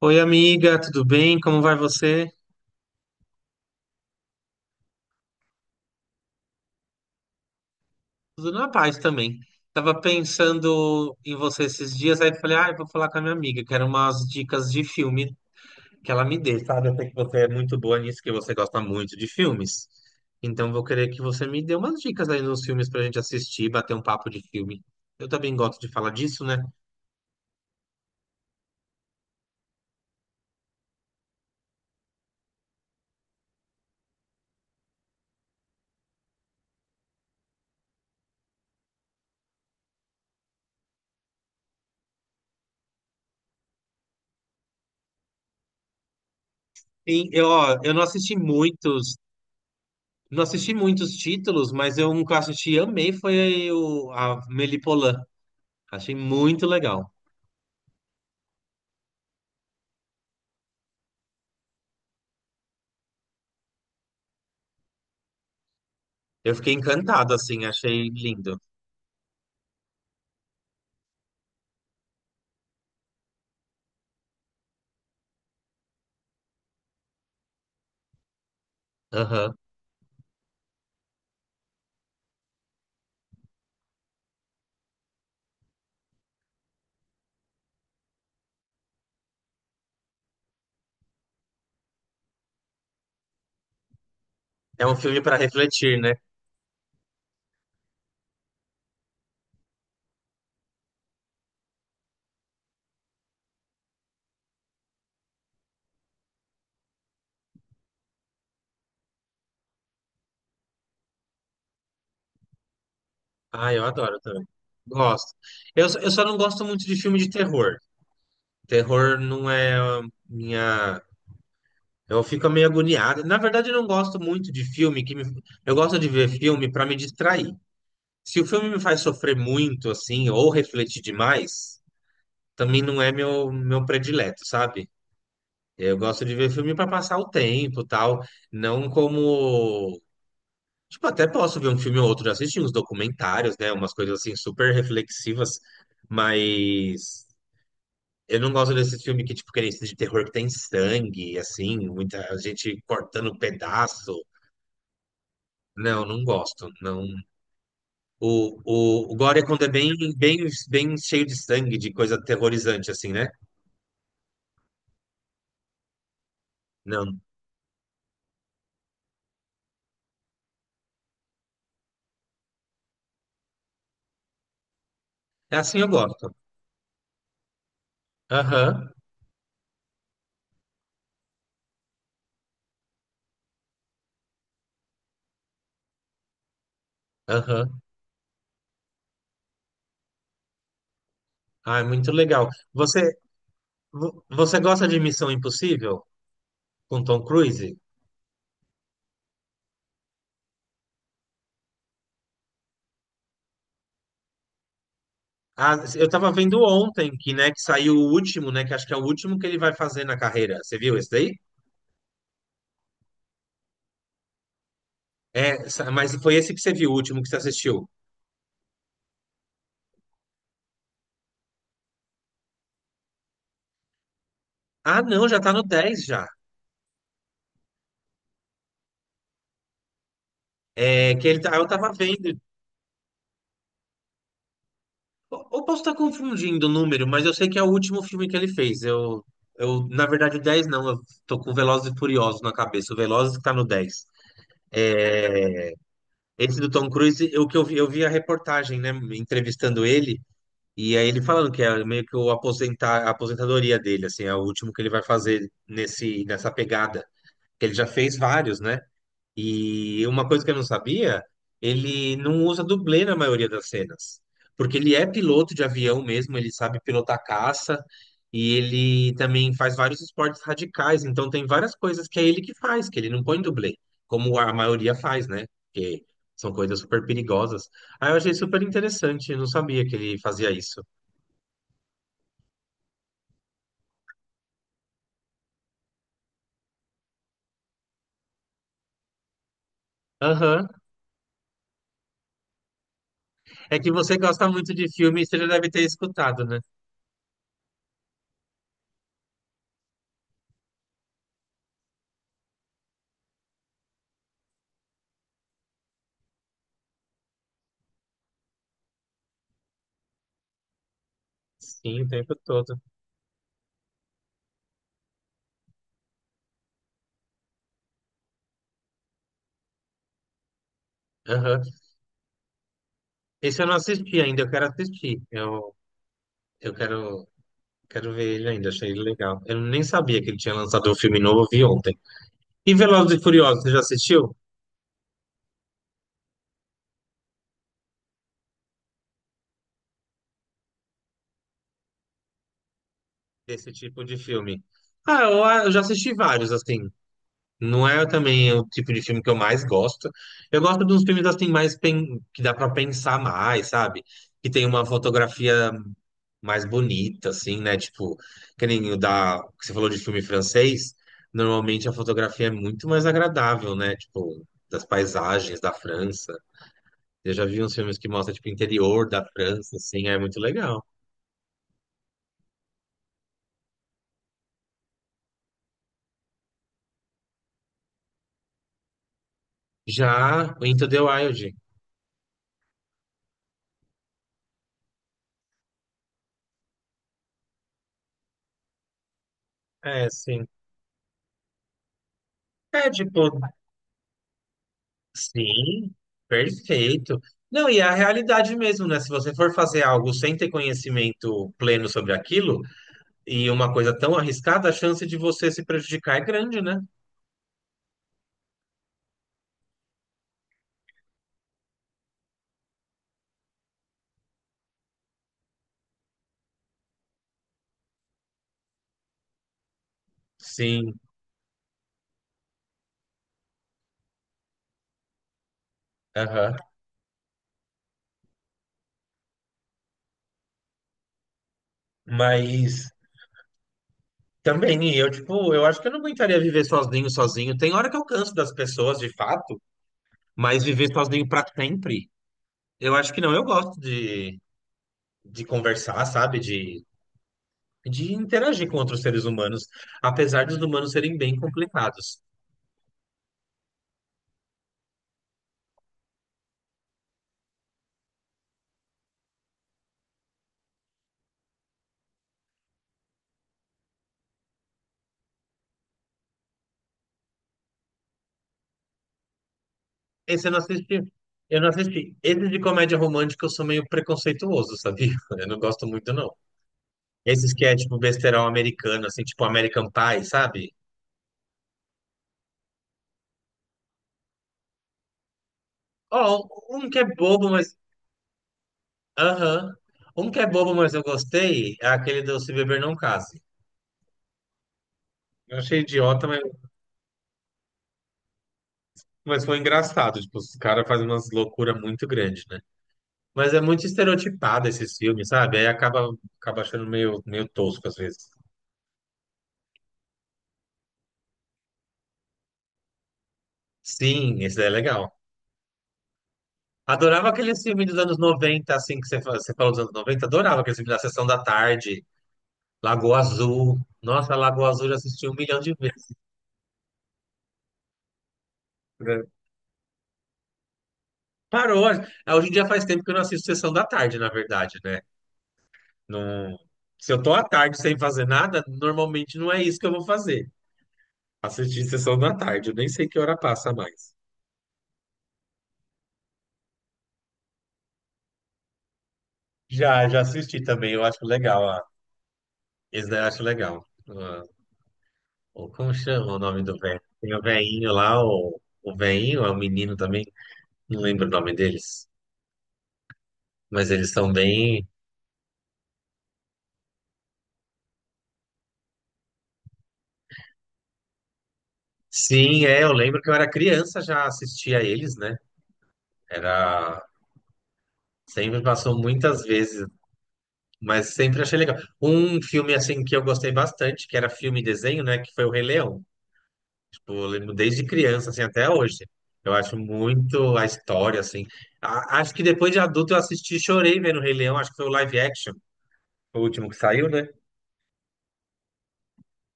Oi, amiga, tudo bem? Como vai você? Tudo na paz também. Tava pensando em você esses dias, aí falei, ah, eu vou falar com a minha amiga, quero umas dicas de filme que ela me dê, sabe? Eu sei que você é muito boa nisso, que você gosta muito de filmes. Então vou querer que você me dê umas dicas aí nos filmes pra gente assistir, bater um papo de filme. Eu também gosto de falar disso, né? E eu, ó, eu não assisti muitos, não assisti muitos títulos, mas eu um que eu assisti e amei foi o a Melipolã. Achei muito legal. Eu fiquei encantado, assim, achei lindo. Aham. É um filme para refletir, né? Ah, eu adoro também. Gosto. Eu só não gosto muito de filme de terror. Terror não é a minha. Eu fico meio agoniado. Na verdade, eu não gosto muito de filme que me. Eu gosto de ver filme para me distrair. Se o filme me faz sofrer muito, assim, ou refletir demais, também não é meu predileto, sabe? Eu gosto de ver filme para passar o tempo, tal, não como. Tipo, até posso ver um filme ou outro, já assisti uns documentários, né? Umas coisas assim super reflexivas, mas eu não gosto desse filme que, tipo, que é esse de terror que tem sangue, assim, muita gente cortando pedaço. Não, não gosto. Não. O Gore é quando é bem, bem, bem cheio de sangue, de coisa aterrorizante, assim, né? Não. É assim eu gosto. Aham, aham. Ah, é muito legal. Você gosta de Missão Impossível com Tom Cruise? Ah, eu tava vendo ontem que, né, que saiu o último, né, que acho que é o último que ele vai fazer na carreira. Você viu esse daí? É, mas foi esse que você viu, o último que você assistiu. Ah, não, já tá no 10 já. É que eu tava vendo. Eu posso estar confundindo o número, mas eu sei que é o último filme que ele fez. Eu, na verdade, o 10 não, eu tô com Velozes e Furiosos na cabeça. O Velozes que tá no 10. Esse do Tom Cruise, eu vi a reportagem, né, entrevistando ele. E aí ele falando que é meio que a aposentadoria dele, assim, é o último que ele vai fazer nessa pegada. Que ele já fez vários, né? E uma coisa que eu não sabia, ele não usa dublê na maioria das cenas. Porque ele é piloto de avião mesmo, ele sabe pilotar caça, e ele também faz vários esportes radicais, então tem várias coisas que é ele que faz, que ele não põe dublê, como a maioria faz, né? Porque são coisas super perigosas. Aí eu achei super interessante, eu não sabia que ele fazia isso. Aham. É que você gosta muito de filme, você já deve ter escutado, né? Sim, o tempo todo. Aham. Esse eu não assisti ainda, eu quero assistir. Eu quero ver ele ainda, achei ele legal. Eu nem sabia que ele tinha lançado um filme novo, eu vi ontem. E Velozes e Furiosos, você já assistiu? Desse tipo de filme. Ah, eu já assisti vários, assim. Não é também o tipo de filme que eu mais gosto. Eu gosto de uns filmes, assim, mais que dá pra pensar mais, sabe? Que tem uma fotografia mais bonita, assim, né? Tipo, que nem que você falou de filme francês, normalmente a fotografia é muito mais agradável, né? Tipo, das paisagens da França. Eu já vi uns filmes que mostram, tipo, o interior da França, assim, é muito legal. Já o Into the Wild, é, sim. É, tipo, sim, perfeito. Não, e é a realidade mesmo, né? Se você for fazer algo sem ter conhecimento pleno sobre aquilo, e uma coisa tão arriscada, a chance de você se prejudicar é grande, né? Sim. Aham. Mas também, eu, tipo, eu acho que eu não aguentaria viver sozinho, sozinho. Tem hora que eu canso das pessoas, de fato, mas viver sozinho pra sempre, eu acho que não. Eu gosto de conversar, sabe? De interagir com outros seres humanos, apesar dos humanos serem bem complicados. Esse eu não assisti. Eu não assisti. Esse de comédia romântica eu sou meio preconceituoso, sabia? Eu não gosto muito, não. Esses que é tipo besterol americano, assim, tipo American Pie, sabe? Ó, um que é bobo, mas. Aham. Um que é bobo, mas eu gostei, é aquele do Se Beber Não Case. Eu achei idiota, mas foi engraçado. Tipo, os caras fazem umas loucuras muito grandes, né? Mas é muito estereotipado esses filmes, sabe? Aí acaba achando meio tosco às vezes. Sim, esse daí é legal. Adorava aqueles filmes dos anos 90, assim, que você falou dos anos 90. Adorava aqueles filmes da Sessão da Tarde, Lagoa Azul. Nossa, Lagoa Azul eu já assisti um milhão de vezes. Né? Parou. É, hoje em dia faz tempo que eu não assisto Sessão da Tarde, na verdade, né? Não. Se eu tô à tarde sem fazer nada, normalmente não é isso que eu vou fazer. Assistir sessão da tarde, eu nem sei que hora passa mais. Já assisti também, eu acho legal. Ah, esse daí eu acho legal. Ah, como chama o nome do velho? Tem o velhinho lá, o velhinho, é o menino também. Não lembro o nome deles, mas eles são bem. Sim, é, eu lembro que eu era criança, já assistia a eles, né? Era. Sempre passou muitas vezes. Mas sempre achei legal. Um filme assim que eu gostei bastante, que era filme e desenho, né? Que foi o Rei Leão. Tipo, eu lembro desde criança, assim, até hoje. Eu acho muito a história, assim. Acho que depois de adulto eu assisti e chorei vendo o Rei Leão. Acho que foi o live action, o último que saiu, né?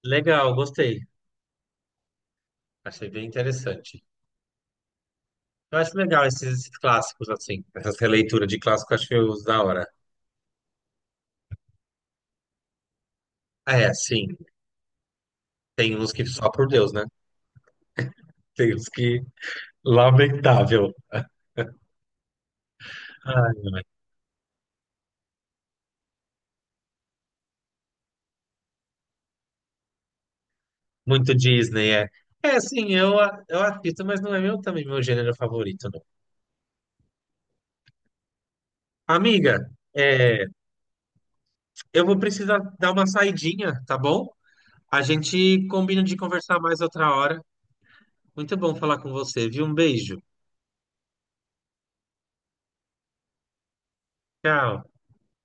Legal, gostei. Achei bem interessante. Eu acho legal esses clássicos, assim. Essas releituras de clássico, eu acho que eu uso da hora. É, sim. Tem uns que só por Deus, né? Tem uns que. Lamentável. Ai, muito Disney, é. É, sim, eu, eu assisto, mas não é meu também meu gênero favorito, não. Amiga, é, eu vou precisar dar uma saidinha, tá bom? A gente combina de conversar mais outra hora. Muito bom falar com você, viu? Um beijo. Tchau.